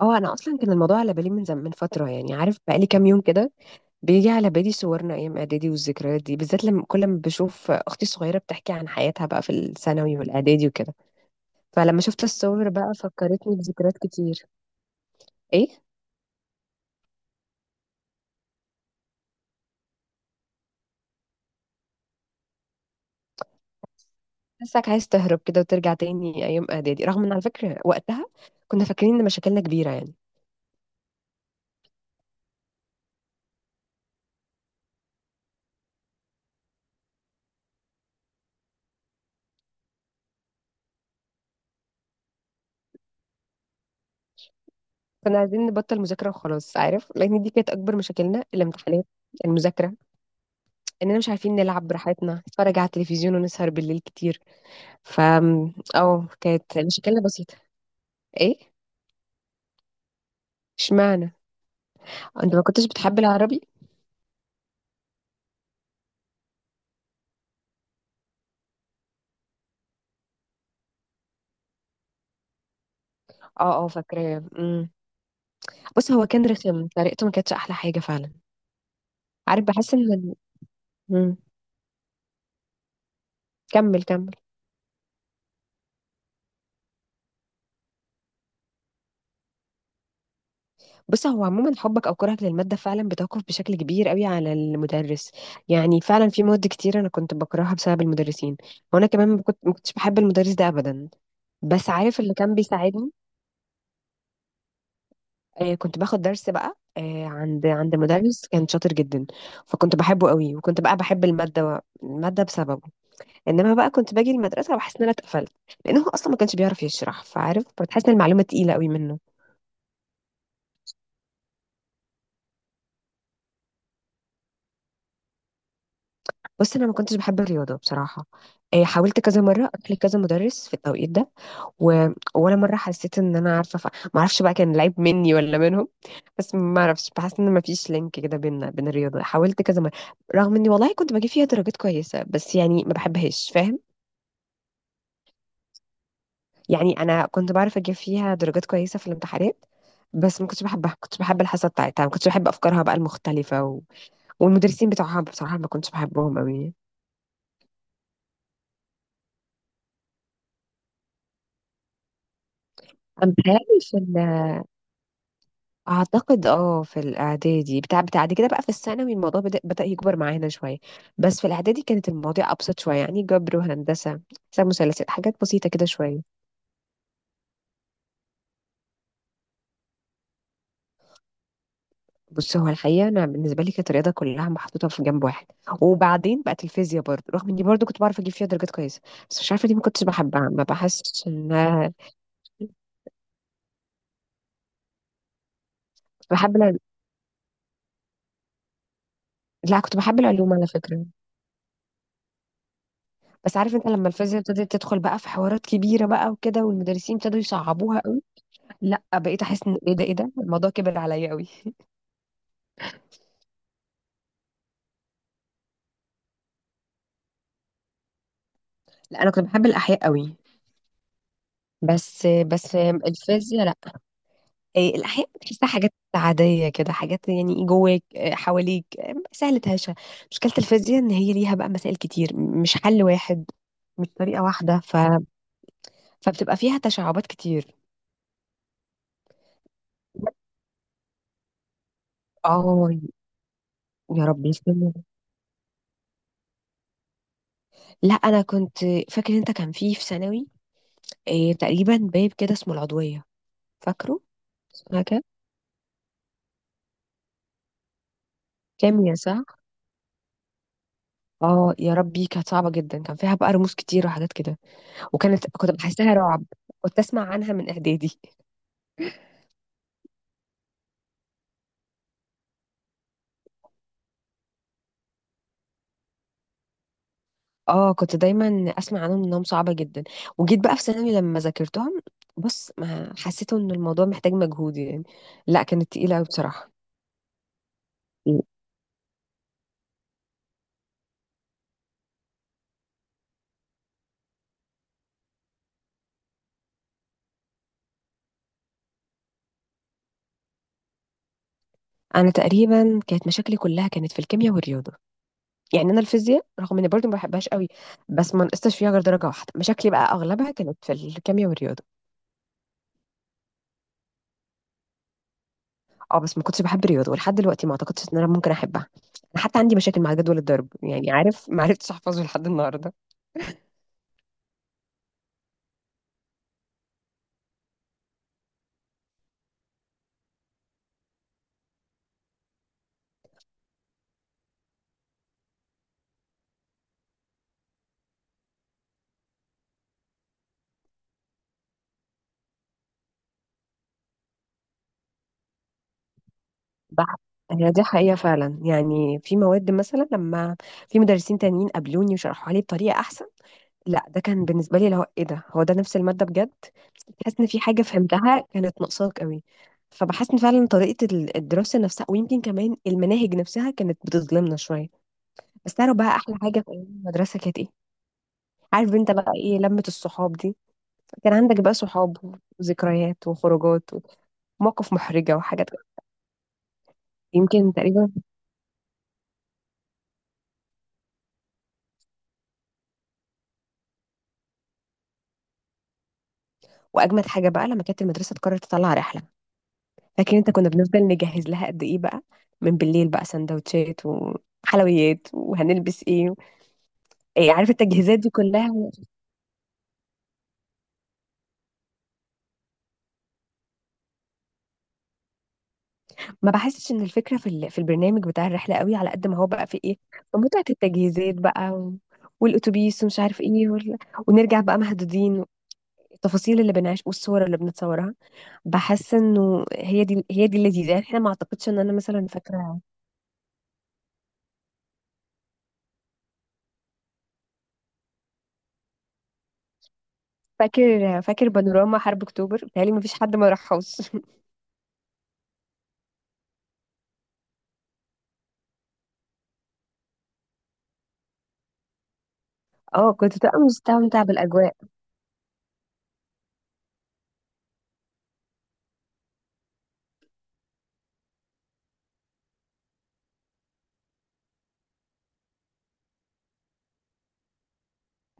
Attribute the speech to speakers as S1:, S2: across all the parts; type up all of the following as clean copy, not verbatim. S1: اه، انا اصلا كان الموضوع على بالي من فتره، يعني عارف بقالي كام يوم كده. بيجي على بالي صورنا ايام اعدادي والذكريات دي، بالذات لما كل ما بشوف اختي الصغيره بتحكي عن حياتها بقى في الثانوي والاعدادي وكده. فلما شفت الصور بقى فكرتني بذكريات كتير. ايه. حاسك عايز تهرب كده وترجع تاني ايام اعدادي، رغم ان على فكره وقتها كنا فاكرين ان مشاكلنا كبيره يعني. كنا عايزين نبطل مذاكره وخلاص، عارف، لان دي كانت اكبر مشاكلنا، الامتحانات. المذاكره. اننا مش عارفين نلعب براحتنا، نتفرج على التلفزيون، ونسهر بالليل كتير. ف اه، كانت مشكلة بسيطة. ايه. اشمعنى. انت ما كنتش بتحب العربي. اه اه، فاكراه. بص، هو كان رخم، طريقته ما كانتش احلى حاجة فعلا. عارف، بحس ان أمم. كمل كمل. بص، هو عموما حبك او كرهك للمادة فعلا بتوقف بشكل كبير قوي على المدرس. يعني فعلا في مواد كتير انا كنت بكرهها بسبب المدرسين. وانا كمان ما كنتش بحب المدرس ده ابدا. بس عارف اللي كان بيساعدني؟ آه، كنت باخد درس بقى آه، عند مدرس كان شاطر جدا. فكنت بحبه قوي، وكنت بقى بحب المادة بسببه. انما بقى كنت باجي المدرسة بحس ان انا اتقفلت، لانه هو اصلا ما كانش بيعرف يشرح، فعارف، فبتحس ان المعلومة تقيلة قوي منه. بص، انا ما كنتش بحب الرياضة بصراحة. آه، حاولت كذا مرة اروح لكذا مدرس في التوقيت ده و... ولا مره حسيت ان انا عارفه. ما اعرفش بقى كان العيب مني ولا منهم. بس ما اعرفش، بحس ان ما فيش لينك كده بين الرياضه. حاولت كذا مره، رغم اني والله كنت بجيب فيها درجات كويسه، بس يعني ما بحبهاش، فاهم؟ يعني انا كنت بعرف اجيب فيها درجات كويسه في الامتحانات، بس ما كنتش بحبها. كنت بحب الحصه بتاعتها، ما كنتش بحب افكارها بقى المختلفه والمدرسين بتوعها بصراحه ما كنتش بحبهم قوي. انا بتهيألي في اعتقد اه في الاعدادي بتاع بعد كده بقى في الثانوي الموضوع بدأ يكبر معانا شويه. بس في الاعدادي كانت المواضيع ابسط شويه، يعني جبر وهندسه، حساب مثلثات، حاجات بسيطه كده شويه. بص، هو الحقيقه انا بالنسبه لي كانت الرياضه كلها محطوطه في جنب واحد. وبعدين بقت الفيزياء برضه، رغم اني برضه كنت بعرف اجيب فيها درجات كويسه، بس مش عارفه، دي ما كنتش بحبها، ما بحسش انها. كنت بحب الع- لا، كنت بحب العلوم على فكره. بس عارف انت، لما الفيزياء ابتدت تدخل بقى في حوارات كبيره بقى وكده، والمدرسين ابتدوا يصعبوها، لا، بقيت احس ان ايه ده، ايه ده الموضوع كبر عليا قوي. لا، انا كنت بحب الاحياء قوي، بس الفيزياء لا. إيه، الاحياء بحسها حاجات عاديه كده، حاجات يعني جواك إيه، حواليك إيه، سهله هشه. مشكله الفيزياء ان هي ليها بقى مسائل كتير، مش حل واحد، مش طريقه واحده. فبتبقى فيها تشعبات كتير. اه، يا رب يسلمك. لا، انا كنت. فاكر انت كان فيه في ثانوي إيه، تقريبا باب كده اسمه العضويه، فاكره؟ اسمها كده. كيميا صح. اه، يا ربي، كانت صعبة جدا. كان فيها بقى رموز كتير وحاجات كده، وكانت كنت بحسها رعب. كنت اسمع عنها من اعدادي. اه، كنت دايما اسمع عنهم انهم صعبة جدا، وجيت بقى في ثانوي لما ذاكرتهم. بص، ما حسيت ان الموضوع محتاج مجهود يعني، لا، كانت تقيلة قوي بصراحة. انا تقريبا كانت مشاكلي كلها كانت في الكيمياء والرياضة. يعني انا الفيزياء رغم اني برضو ما بحبهاش قوي، بس ما نقصتش فيها غير درجة واحدة. مشاكلي بقى اغلبها كانت في الكيمياء والرياضة. اه، بس ما كنتش بحب الرياضه ولحد دلوقتي ما اعتقدش ان انا ممكن احبها. انا حتى عندي مشاكل مع جدول الضرب، يعني عارف، ما عرفتش احفظه لحد النهارده. بح- هي دي حقيقه فعلا، يعني في مواد مثلا لما في مدرسين تانيين قابلوني وشرحوها لي بطريقه احسن، لا، ده كان بالنسبه لي اللي هو ايه ده، هو ده نفس الماده بجد. بحس ان في حاجه فهمتها كانت ناقصاك قوي. فبحس ان فعلا طريقه الدراسه نفسها، ويمكن كمان المناهج نفسها كانت بتظلمنا شويه. بس تعرف بقى احلى حاجه في ايام المدرسه كانت ايه؟ عارف انت بقى ايه؟ لمه الصحاب دي. كان عندك بقى صحاب وذكريات وخروجات ومواقف محرجة وحاجات. يمكن تقريبا. وأجمد حاجة بقى لما كانت المدرسة تقرر تطلع رحلة. فاكر انت كنا بنفضل نجهز لها قد ايه بقى، من بالليل بقى، سندوتشات وحلويات وهنلبس ايه، ايه، عارف التجهيزات دي كلها. ما بحسش ان الفكرة في في البرنامج بتاع الرحلة قوي، على قد ما هو بقى في ايه، في متعة التجهيزات بقى والأتوبيس ومش عارف ايه. ونرجع بقى مهدودين. التفاصيل اللي بنعيش والصور اللي بنتصورها، بحس انه هي دي اللذيذه، يعني احنا ما اعتقدش ان انا مثلا فاكره. فاكر بانوراما حرب اكتوبر، بتهيألي ما فيش حد ما راحوش. اه، كنت بتبقى مستمتع بالاجواء.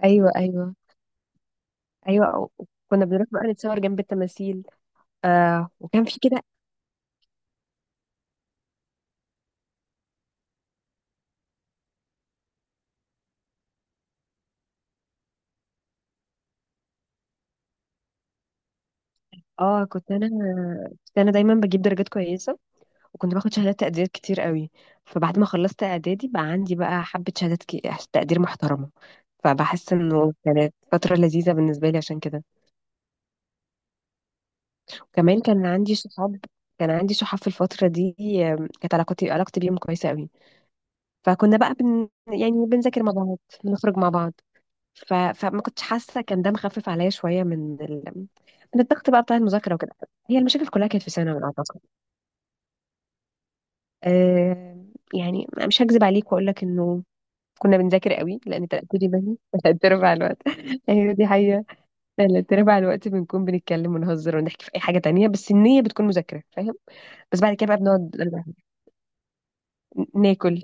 S1: ايوه ايوه. ايوه، كنا بنروح بقى نتصور جنب التماثيل. آه، وكان في كده. اه، كنت انا. كنت انا دايما بجيب درجات كويسه، وكنت باخد شهادات تقدير كتير قوي. فبعد ما خلصت اعدادي بقى عندي بقى حبه تقدير محترمه. فبحس انه كانت فتره لذيذه بالنسبه لي عشان كده. كمان كان عندي صحاب. كان عندي صحاب في الفترة دي. آم، كانت علاقتي بيهم كويسة قوي. فكنا بقى يعني بنذاكر مع بعض، بنخرج مع بعض. فما كنتش حاسة، كان ده مخفف عليا شوية من الضغط بقى بتاع المذاكرة وكده. هي المشاكل كلها كانت في ثانوي أعتقد. أه... يعني مش هكذب عليك وأقول لك إنه كنا بنذاكر قوي، لأن تلات أرباع الوقت. أيوة دي حقيقة. تلات أرباع الوقت بنكون بنتكلم ونهزر ونحكي في أي حاجة تانية، بس النية بتكون مذاكرة، فاهم. بس بعد كده بقى بنقعد ناكل،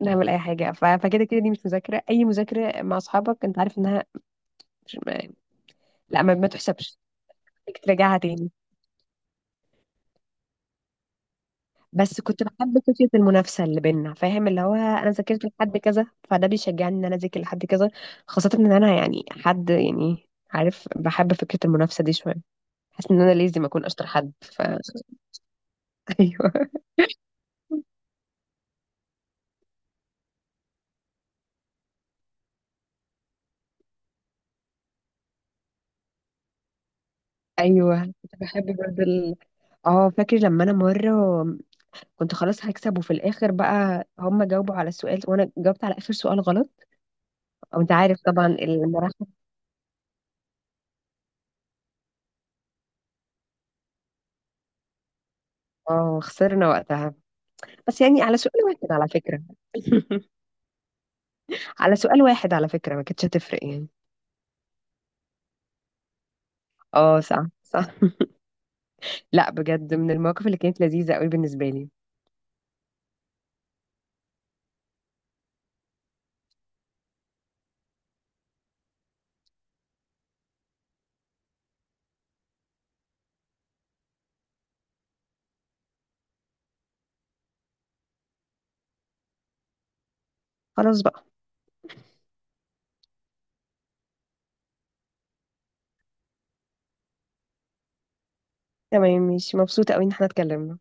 S1: نعمل اي حاجه، فكده كده دي مش مذاكره. اي مذاكره مع اصحابك انت عارف انها مش ما- لا، ما تحسبش انك تراجعها تاني. بس كنت بحب فكره المنافسه اللي بينا، فاهم، اللي هو انا ذاكرت لحد كذا، فده بيشجعني ان انا اذاكر لحد كذا. خاصه ان انا يعني حد، يعني عارف، بحب فكره المنافسه دي شويه. حاسس ان انا لازم اكون اشطر حد ايوه ايوه. كنت بحب برضه اه، فاكر لما انا مره كنت خلاص هكسب، وفي الاخر بقى هم جاوبوا على السؤال، وانا جاوبت على اخر سؤال غلط. او انت عارف طبعا المراحل. اه، خسرنا وقتها. بس يعني على سؤال واحد على فكرة. على سؤال واحد على فكرة، ما كانتش هتفرق يعني. اه صح صح. لا، بجد من المواقف اللي كانت لذيذة قوي بالنسبة لي. خلاص بقى. تمام، مش مبسوطة قوي ان احنا اتكلمنا.